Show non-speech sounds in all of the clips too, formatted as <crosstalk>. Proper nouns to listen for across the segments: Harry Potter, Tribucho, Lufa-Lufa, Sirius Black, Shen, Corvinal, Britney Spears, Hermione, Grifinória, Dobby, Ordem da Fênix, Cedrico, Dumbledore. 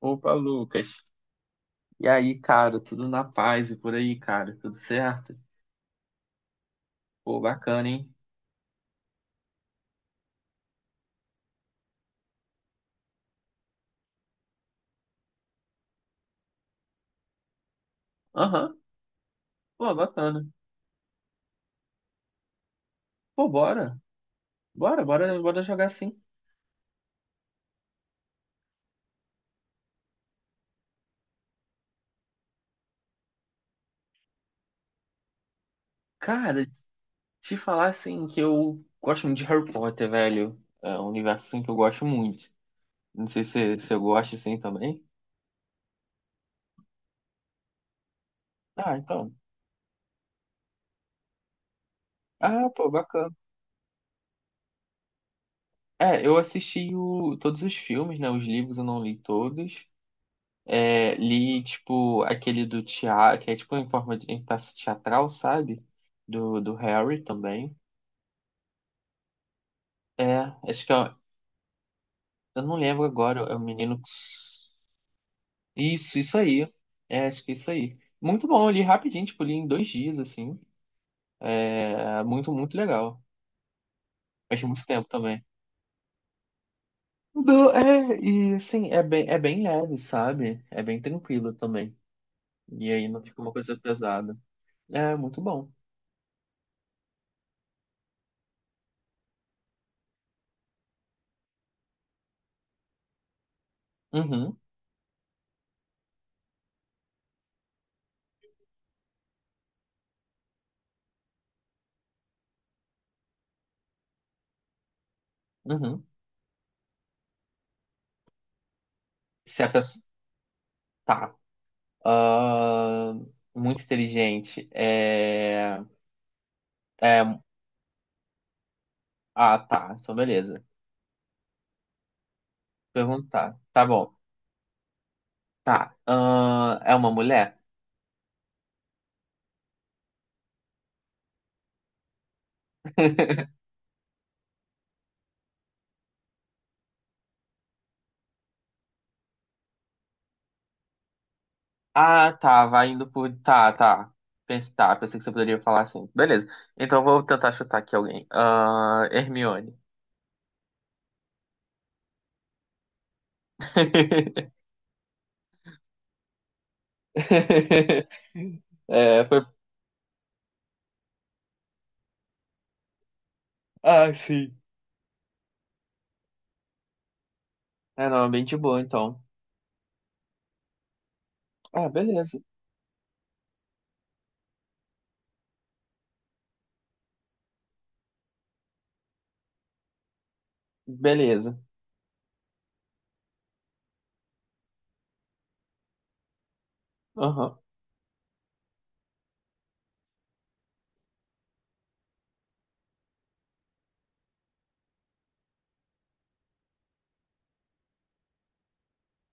Opa, Lucas. E aí, cara, tudo na paz e por aí, cara, tudo certo? Pô, bacana, hein? Aham. Pô, bacana. Pô, bora. Bora, bora, bora jogar assim. Cara, te falar assim que eu gosto muito de Harry Potter, velho. É um universo assim que eu gosto muito. Não sei se eu gosto assim também. Ah, então. Ah, pô, bacana. É, eu assisti todos os filmes, né? Os livros eu não li todos. É, li, tipo, aquele do teatro, que é tipo em forma de em peça teatral, sabe? Do Harry também. É, acho que é, eu não lembro agora, é o menino. Isso, isso aí. É, acho que é isso aí. Muito bom, eu li rapidinho, tipo, li em 2 dias, assim. É, muito, muito legal. Faz muito tempo também. É, e assim, é bem leve, sabe? É bem tranquilo também. E aí não fica uma coisa pesada. É muito bom. Uhum, uhum. Se a pessoa. Tá. Ah, muito inteligente. É, ah, tá. Então, beleza. Perguntar. Tá bom. Tá. Ah, é uma mulher? <laughs> Ah, tá. Vai indo por. Tá, tá. Pense, tá. Pensei que você poderia falar assim. Beleza. Então, eu vou tentar chutar aqui alguém. Ah, Hermione. <laughs> É, foi. Ah, sim. É, não, é bem de boa, então. Ah, beleza. Beleza. Aham.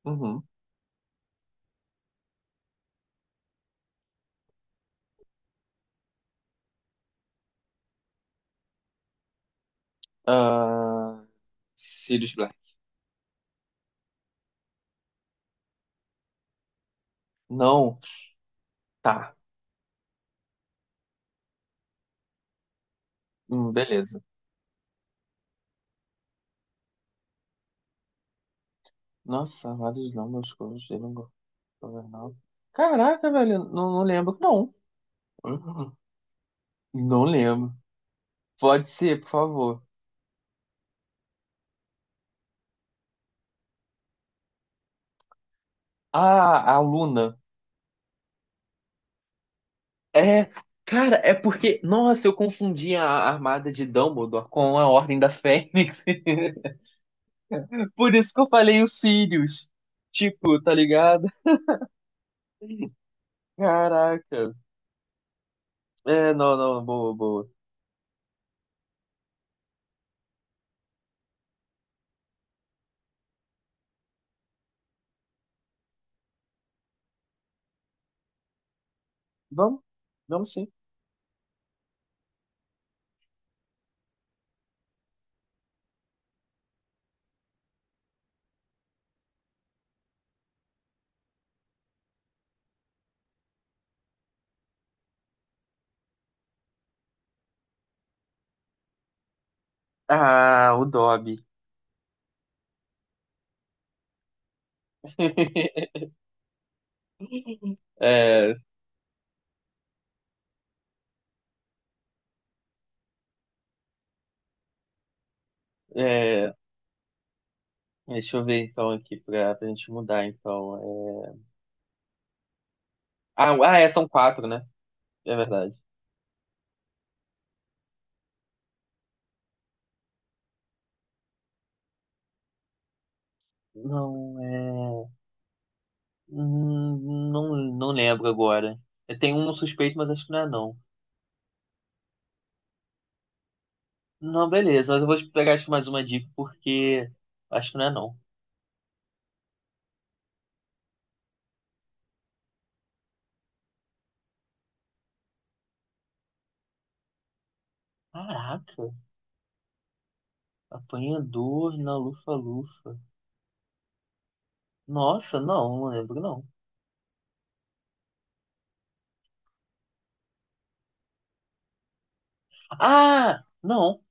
Uhum. Ah, Sirius Black. Não. Tá. Beleza. Nossa, vários nomes que eu gostei não gosto governal. Caraca, velho, não, não lembro, não. <laughs> Uhum. Não lembro. Pode ser, por favor. Ah, a Luna. É, cara, é porque. Nossa, eu confundi a armada de Dumbledore com a Ordem da Fênix. <laughs> Por isso que eu falei os Sirius. Tipo, tá ligado? Caraca. É, não, não, boa, boa. Vamos, vamos sim. Ah, o Dobby. <laughs> É, É, deixa eu ver então aqui pra gente mudar então. Ah, ah, é, são quatro, né? É verdade. Não, é. Não, não lembro agora. Eu tenho um suspeito, mas acho que não é não. Não, beleza, mas eu vou pegar acho que mais uma dica porque acho que não é não. Caraca, apanhador na lufa-lufa. Nossa, não, não lembro não. Ah, não,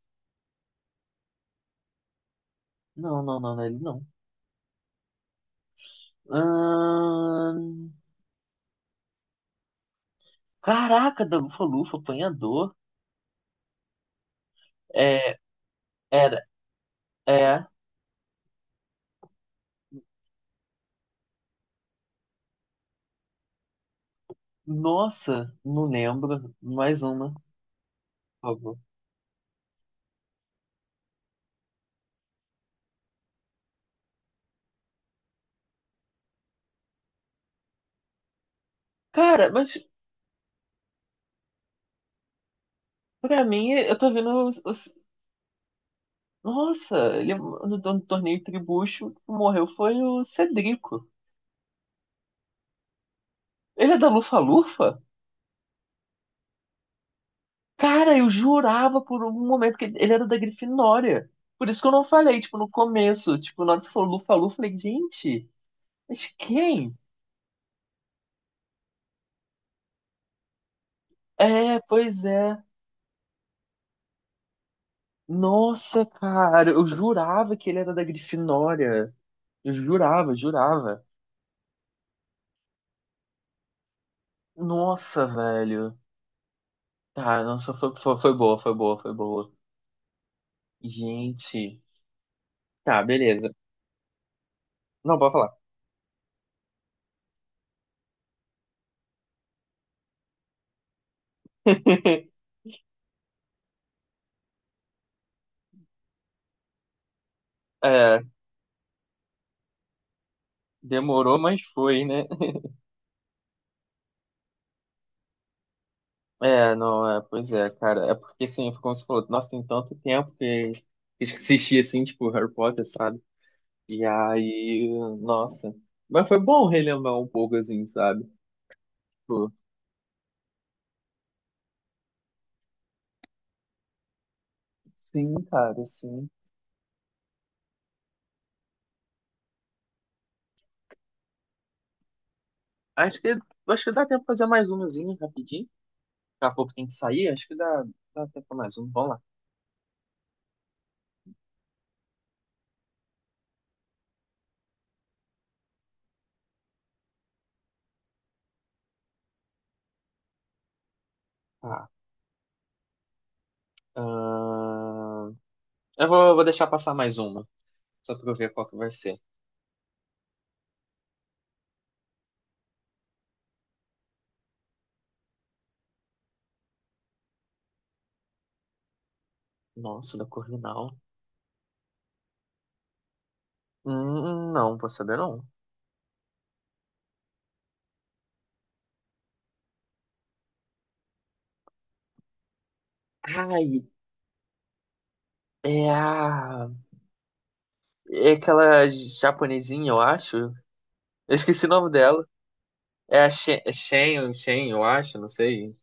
não, não, não, não, é ele não. Ahn, Caraca, da lufa-lufa, apanhador. É, é É, nossa, não lembro. Mais uma, por favor. Cara, mas pra mim, eu tô vendo Nossa, ele no torneio Tribucho, que morreu foi o Cedrico. Ele é da Lufa-Lufa? Cara, eu jurava por um momento que ele era da Grifinória. Por isso que eu não falei, tipo, no começo. Tipo, na hora que você falou Lufa-Lufa, eu falei, gente, mas quem? É, pois é. Nossa, cara, eu jurava que ele era da Grifinória. Eu jurava, jurava. Nossa, velho. Tá, nossa, foi boa, foi boa, foi boa. Gente. Tá, beleza. Não, pode falar. <laughs> É, demorou, mas foi, né? É, não, é, pois é, cara. É porque, assim, foi como você falou, nossa, tem tanto tempo que assisti, assim, tipo, Harry Potter, sabe? E aí, nossa. Mas foi bom relembrar um pouco, assim, sabe? Tipo, sim, cara, sim. Acho que, acho que dá tempo de fazer mais umazinha rapidinho. Daqui a pouco tem que sair, acho que dá tempo pra mais um. Vamos lá. Tá. Ahn, eu vou deixar passar mais uma, só pra eu ver qual que vai ser. Nossa, da Corvinal. Não, vou saber não. Ai, é a... É aquela japonesinha, eu acho. Eu esqueci o nome dela. É a Shen, Shen, eu acho, não sei.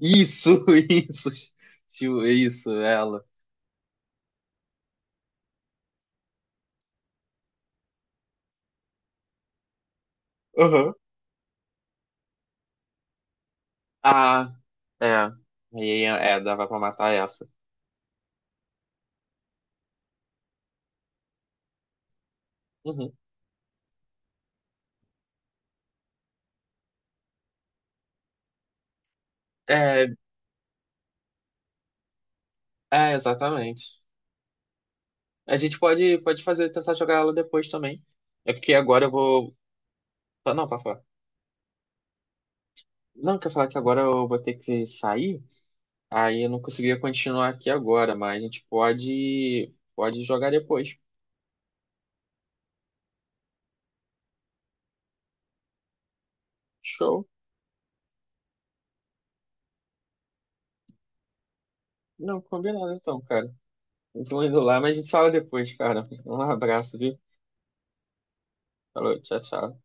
Isso, <laughs> isso. Tio, isso, ela. Uhum. Ah, é. E aí dava pra matar essa. Uhum. É, exatamente. A gente pode fazer, tentar jogar ela depois também. É porque agora eu vou. Ah, não, pra falar. Não, quer falar que agora eu vou ter que sair? Aí eu não conseguia continuar aqui agora, mas a gente pode jogar depois. Show. Não, combinado então, cara. Então indo lá, mas a gente fala depois, cara. Um abraço, viu? Falou, tchau, tchau.